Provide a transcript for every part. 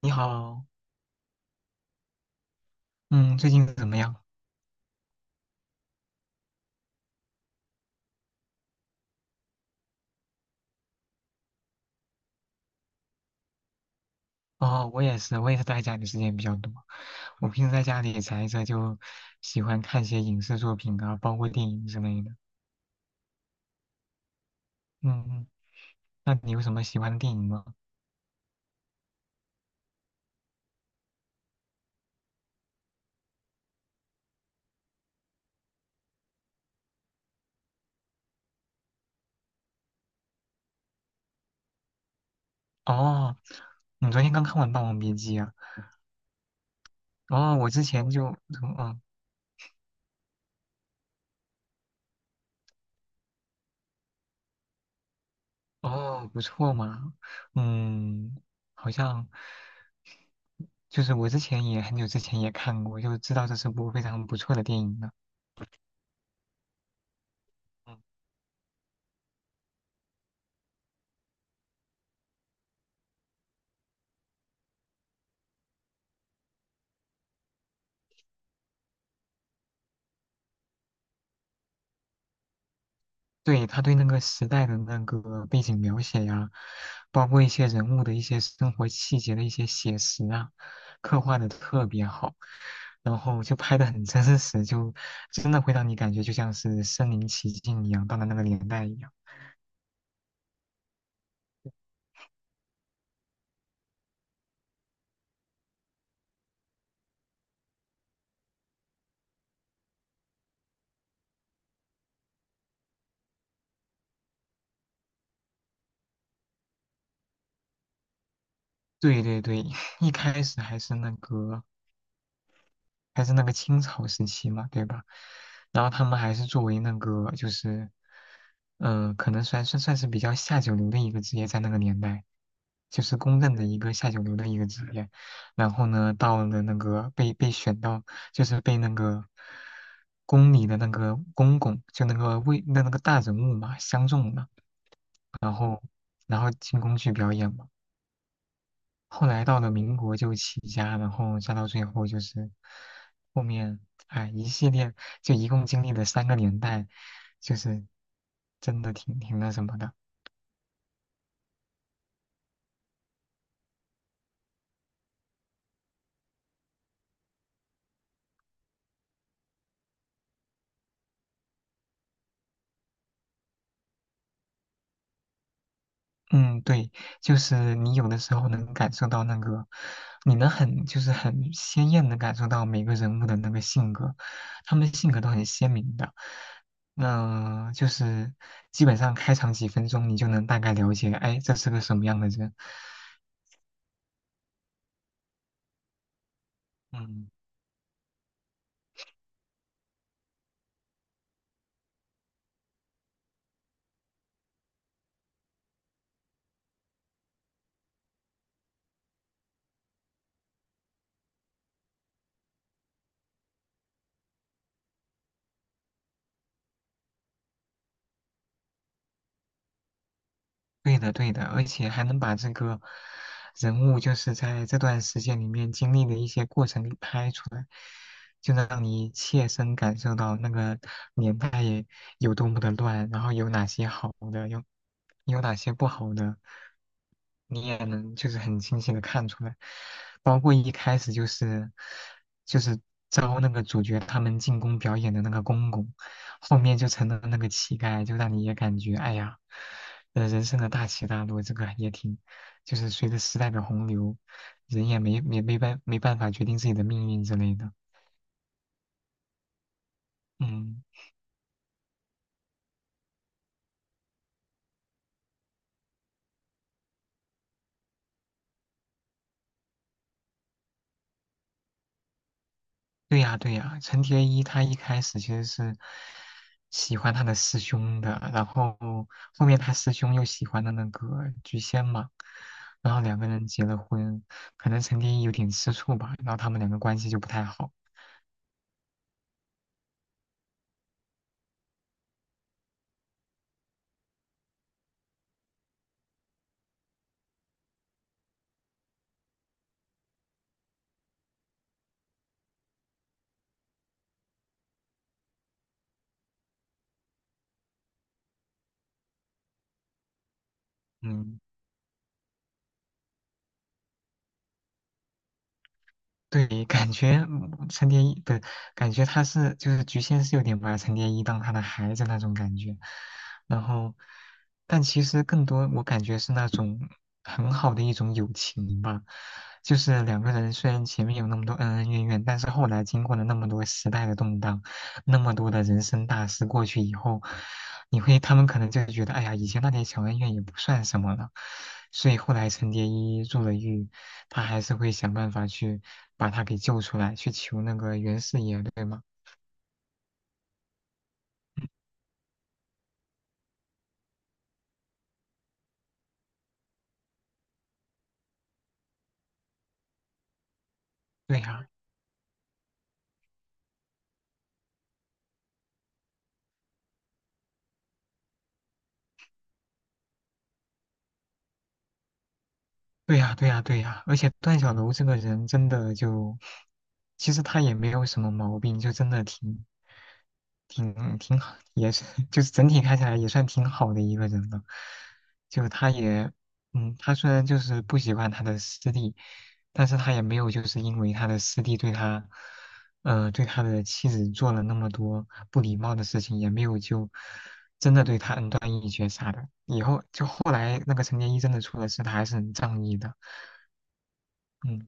你好，嗯，最近怎么样？哦，我也是，待家里时间比较多。我平时在家里宅着，就喜欢看些影视作品啊，包括电影之类的。嗯嗯，那你有什么喜欢的电影吗？哦，你昨天刚看完《霸王别姬》啊？哦，我之前就，嗯，哦，哦不错嘛，嗯，好像就是我之前也很久之前也看过，就知道这是部非常不错的电影了。嗯对，他对那个时代的那个背景描写呀，包括一些人物的一些生活细节的一些写实啊，刻画的特别好，然后就拍的很真实，就真的会让你感觉就像是身临其境一样，到了那个年代一样。对对对，一开始还是那个清朝时期嘛，对吧？然后他们还是作为那个就是，可能算是比较下九流的一个职业，在那个年代，就是公认的一个下九流的一个职业。然后呢，到了那个被选到，就是被那个宫里的那个公公，就那个位那个大人物嘛，相中了，然后进宫去表演嘛。后来到了民国就起家，然后再到最后就是后面，哎，一系列就一共经历了三个年代，就是真的挺那什么的。嗯，对，就是你有的时候能感受到那个，你能很就是很鲜艳的感受到每个人物的那个性格，他们性格都很鲜明的。那就是基本上开场几分钟，你就能大概了解，哎，这是个什么样的人。嗯。对的，对的，而且还能把这个人物就是在这段时间里面经历的一些过程给拍出来，就能让你切身感受到那个年代有多么的乱，然后有哪些好的，有哪些不好的，你也能就是很清晰的看出来。包括一开始就是就是招那个主角他们进宫表演的那个公公，后面就成了那个乞丐，就让你也感觉哎呀，呃，人生的大起大落，这个也挺，就是随着时代的洪流，人也没办法决定自己的命运之类的，嗯。对呀，对呀，陈蝶衣他一开始其实是喜欢他的师兄的，然后后面他师兄又喜欢了那个菊仙嘛，然后两个人结了婚，可能陈蝶衣有点吃醋吧，然后他们两个关系就不太好。嗯，对，感觉嗯陈蝶衣不是感觉他是就是菊仙是有点把陈蝶衣当他的孩子那种感觉，然后，但其实更多我感觉是那种很好的一种友情吧，就是两个人虽然前面有那么多恩恩怨怨，但是后来经过了那么多时代的动荡，那么多的人生大事过去以后，你会他们可能就觉得，哎呀，以前那点小恩怨也不算什么了，所以后来陈蝶衣入了狱，他还是会想办法去把他给救出来，去求那个袁四爷，对吗？对呀、对呀，对呀，对呀，而且段小楼这个人真的就，其实他也没有什么毛病，就真的挺好，也是 就是整体看起来也算挺好的一个人了。就他也，嗯，他虽然就是不喜欢他的师弟，但是他也没有就是因为他的师弟对他，呃，对他的妻子做了那么多不礼貌的事情，也没有就真的对他恩断义绝啥的。以后就后来那个陈蝶衣真的出了事，他还是很仗义的。嗯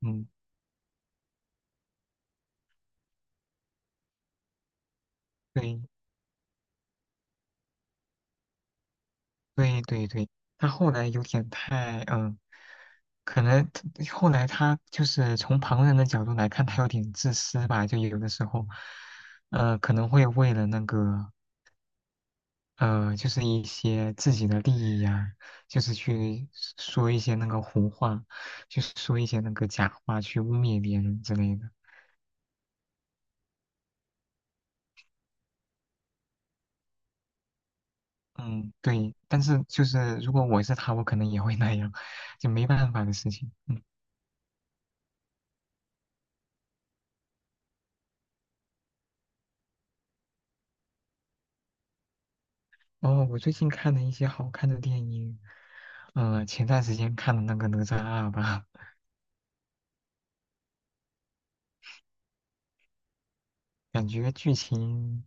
嗯，对对对对，他后来有点太嗯，可能他后来他就是从旁人的角度来看，他有点自私吧，就有的时候，呃，可能会为了那个就是一些自己的利益呀、就是去说一些那个胡话，就是说一些那个假话，去污蔑别人之类的。嗯，对，但是就是如果我是他，我可能也会那样，就没办法的事情。哦，我最近看了一些好看的电影，呃，前段时间看的那个《哪吒二》吧，感觉剧情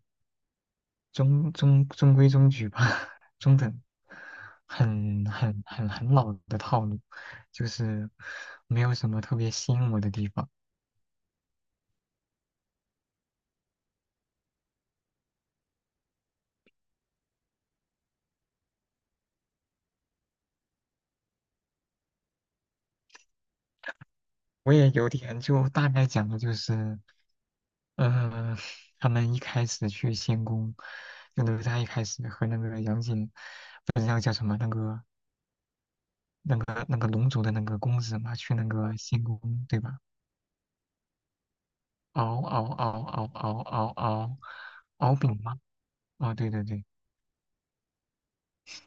中规中矩吧，中等，很老的套路，就是没有什么特别吸引我的地方。我也有点就大概讲的就是，呃，他们一开始去仙宫，就哪吒一开始和那个杨戬，不知道叫什么那个那个龙族的那个公子嘛，去那个仙宫，对吧？敖敖敖敖敖敖敖敖丙嘛，哦，对对对，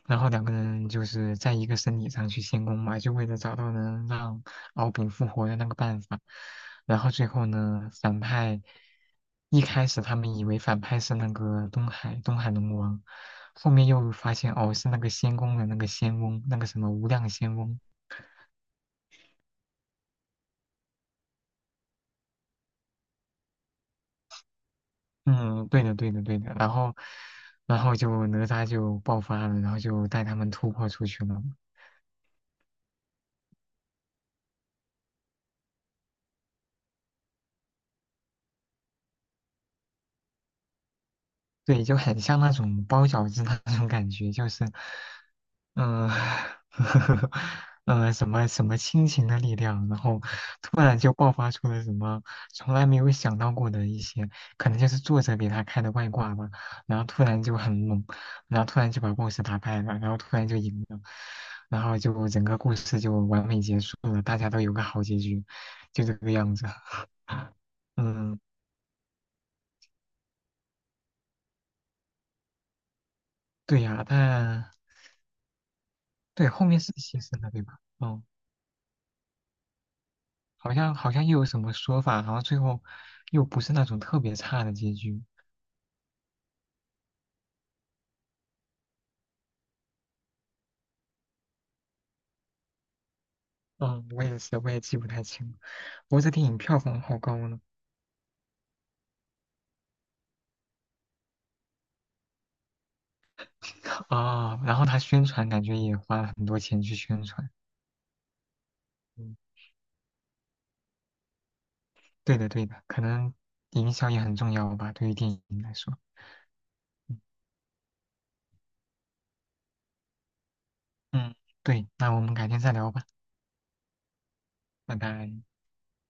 然后两个人就是在一个身体上去仙宫嘛，就为了找到能让敖丙复活的那个办法。然后最后呢，反派一开始他们以为反派是那个东海龙王，后面又发现哦是那个仙宫的那个仙翁，那个什么无量仙翁。嗯，对的，对的，对的。然后，然后就哪吒就爆发了，然后就带他们突破出去了。对，就很像那种包饺子那种感觉，就是嗯，什么什么亲情的力量，然后突然就爆发出了什么从来没有想到过的一些，可能就是作者给他开的外挂吧，然后突然就很猛，然后突然就把故事打败了，然后突然就赢了，然后就整个故事就完美结束了，大家都有个好结局，就这个样子。嗯，对呀，但对后面是牺牲了，对吧？嗯。好像又有什么说法，然后最后又不是那种特别差的结局。嗯，我也是，我也记不太清了。不过这电影票房好高呢。啊、然后他宣传感觉也花了很多钱去宣传。嗯，对的对的，可能营销也很重要吧，对于电影来说。嗯，对，那我们改天再聊吧，拜拜。